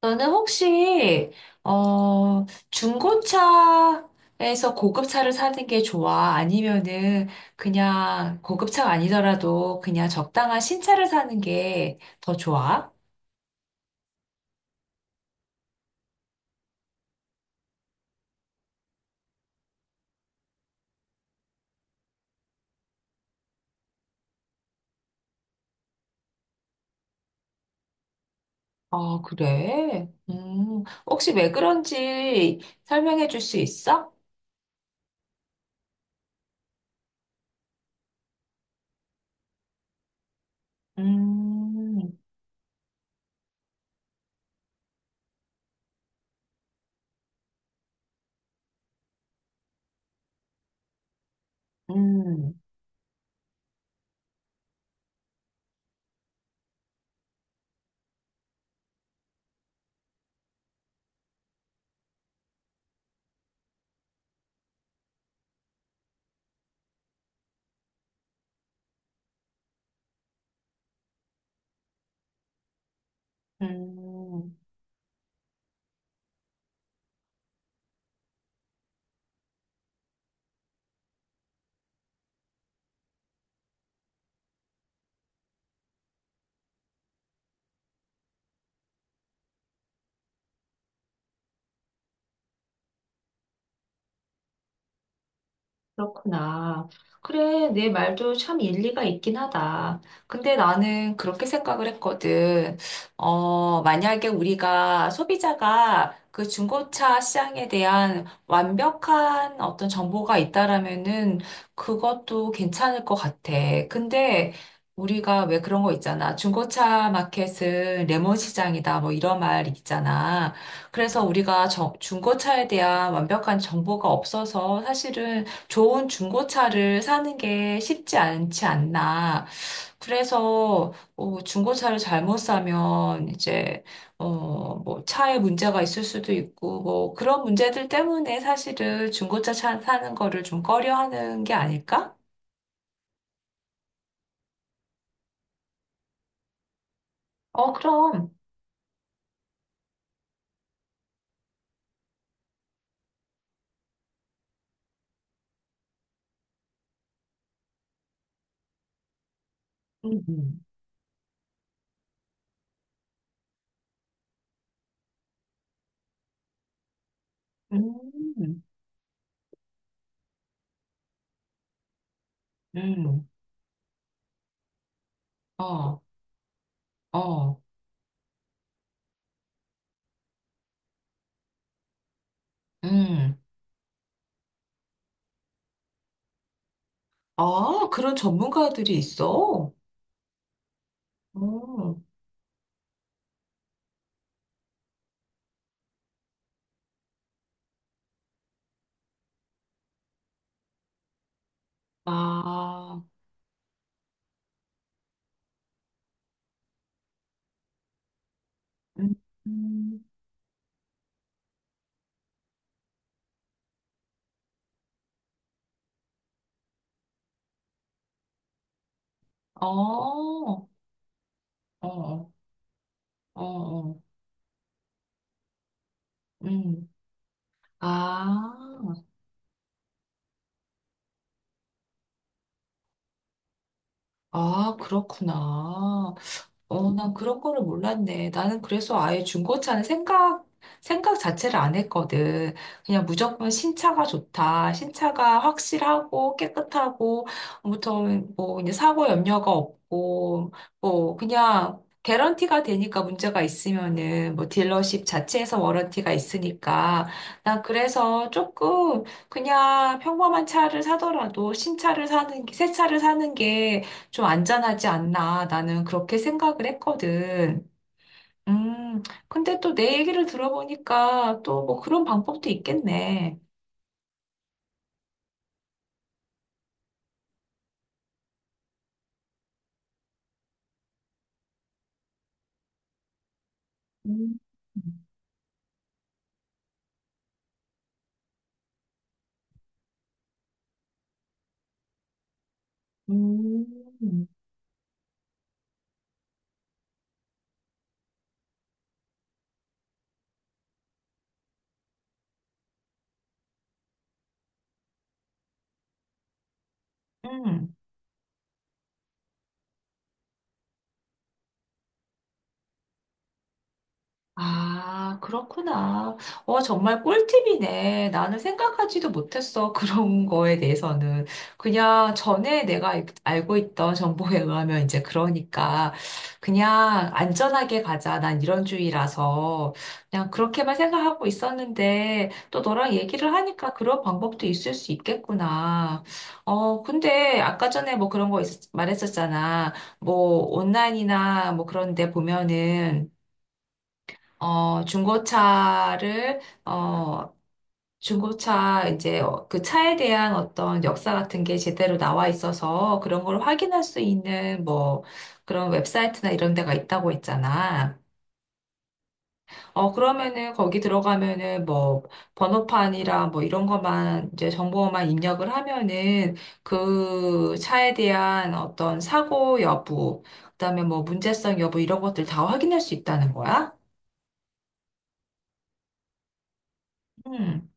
너는 혹시 어 중고차에서 고급차를 사는 게 좋아? 아니면은 그냥 고급차가 아니더라도 그냥 적당한 신차를 사는 게 더 좋아? 아, 그래? 혹시 왜 그런지 설명해 줄 수 있어? 음. 음. 음. 그렇구나. 그래, 내 말도 참 일리가 있긴 하다. 근데 나는 그렇게 생각을 했거든. 만약에 우리가 소비자가 그 중고차 시장에 대한 완벽한 어떤 정보가 있다라면은 그것도 괜찮을 것 같아. 근데 우리가 왜 그런 거 있잖아. 중고차 마켓은 레몬 시장이다. 뭐 이런 말 있잖아. 그래서 우리가 중고차에 대한 완벽한 정보가 없어서 사실은 좋은 중고차를 사는 게 쉽지 않지 않나. 그래서 중고차를 잘못 사면 이제 뭐 차에 문제가 있을 수도 있고 뭐 그런 문제들 때문에 사실은 중고차 사는 거를 좀 꺼려하는 게 아닐까? 어, 그럼. 음. 음. 음. 어. 어. 음. 아, 그런 전문가들이 있어? 음. 아. 음. 음. 어. 어. 어. 어. 어. 음. 아, 아, 그렇구나. 어, 난 그런 거를 몰랐네. 나는 그래서 아예 중고차는 생각 자체를 안 했거든. 그냥 무조건 신차가 좋다. 신차가 확실하고 깨끗하고, 아무튼 뭐 이제 사고 염려가 없고, 뭐 그냥 개런티가 되니까 문제가 있으면은 뭐 딜러십 자체에서 워런티가 있으니까. 난 그래서 조금 그냥 평범한 차를 사더라도 신차를 사는 게, 새 차를 사는 게 좀 안전하지 않나. 나는 그렇게 생각을 했거든. 음, 근데 또 내 얘기를 들어보니까 또 뭐 그런 방법도 있겠네. 음. 음. 음. 아, 그렇구나. 어, 정말 꿀팁이네. 나는 생각하지도 못했어. 그런 거에 대해서는. 그냥 전에 내가 고 있던 정보에 의하면 이제 그러니까 그냥 안전하게 가자. 난 이런 주의라서 그냥 그렇게만 생각하고 있었는데 또 너랑 얘기를 하니까 그런 방법도 있을 수 있겠구나. 근데 아까 전에 뭐 그런 거 말했었잖아. 뭐 온라인이나 뭐 그런 데 보면은 어, 중고차를, 어, 중고차 이제 그 차에 대한 어떤 역사 같은 게 제대로 나와 있어서 그런 걸 확인할 수 있는 뭐 그런 웹사이트나 이런 데가 있다고 했잖아. 그러면은 거기 들어가면은 뭐 번호판이랑 뭐 이런 것만 이제 정보만 입력을 하면은 그 차에 대한 어떤 사고 여부, 그다음에 뭐 문제성 여부 이런 것들 다 확인할 수 있다는 거야? 음.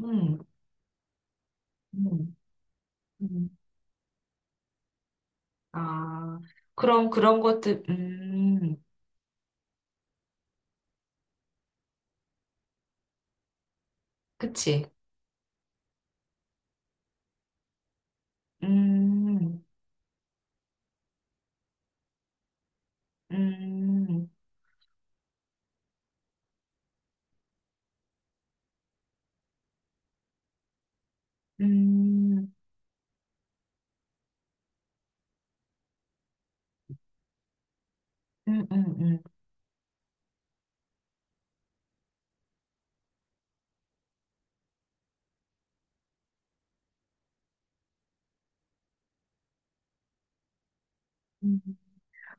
음. 음. 음. 아, 그럼 그런 것들. 음. 그치. 음. 음. 음. 음. 음. 음. 음.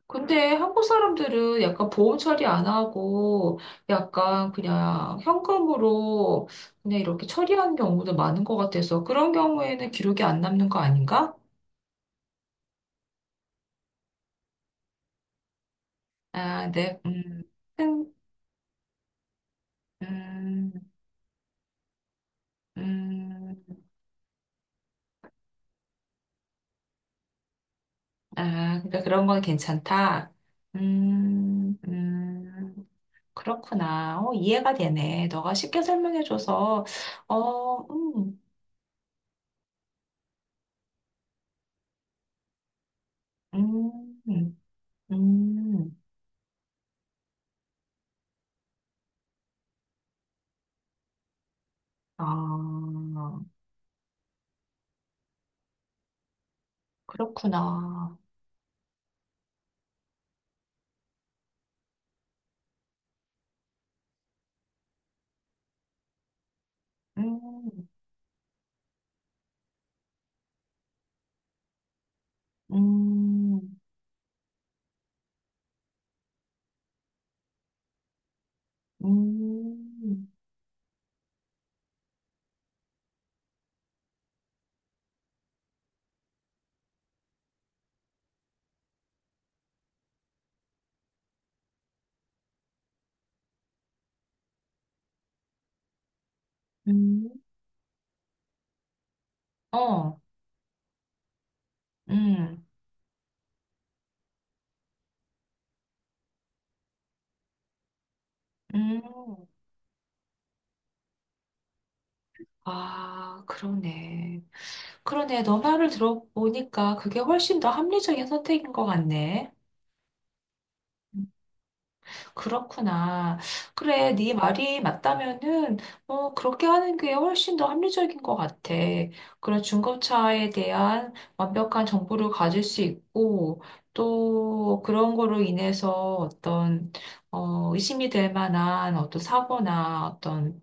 근데 한국 사람들은 약간 보험 처리 안 하고 약간 그냥 현금으로 그냥 이렇게 처리하는 경우도 많은 것 같아서 그런 경우에는 기록이 안 남는 거 아닌가? 아, 네. 음. 음. 음. 음. 아, 그러니까 그런 건 괜찮다. 음. 음. 그렇구나. 어, 이해가 되네. 너가 쉽게 설명해줘서, 어. 음. 음. 음. 아, 그렇구나. 음. 음. 음. 음. 어. 음. 음. 아, 그러네. 그러네. 너 말을 들어보니까 그게 훨씬 더 합리적인 선택인 것 같네. 그렇구나. 그래, 네 말이 맞다면은 그렇게 하는 게 훨씬 더 합리적인 것 같아. 그런 중고차에 대한 완벽한 정보를 가질 수 있고 또 그런 거로 인해서 어떤 의심이 될 만한 어떤 사고나 어떤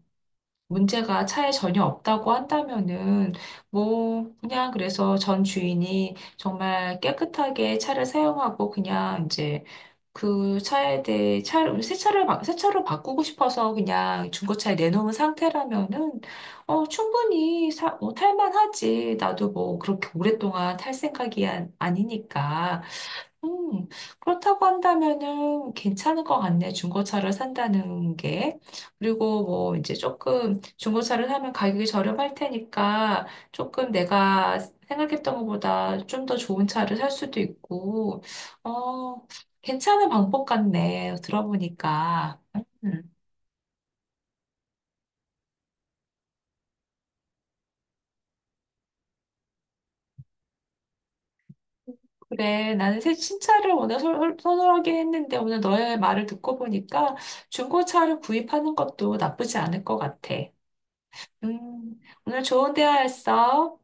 문제가 차에 전혀 없다고 한다면은 뭐 그냥 그래서 전 주인이 정말 깨끗하게 차를 사용하고 그냥 이제 그 차에 대해 차를 새 차로 바꾸고 싶어서 그냥 중고차에 내놓은 상태라면은 충분히 탈만하지. 나도 뭐 그렇게 오랫동안 탈 생각이 안, 아니니까. 음, 그렇다고 한다면은 괜찮을 것 같네. 중고차를 산다는 게. 그리고 뭐 이제 조금 중고차를 사면 가격이 저렴할 테니까 조금 내가 생각했던 것보다 좀 더 좋은 차를 살 수도 있고, 어, 괜찮은 방법 같네. 들어보니까. 음, 그래. 나는 새 신차를 오늘 선호하긴 했는데 오늘 너의 말을 듣고 보니까 중고차를 구입하는 것도 나쁘지 않을 것 같아. 음, 오늘 좋은 대화였어.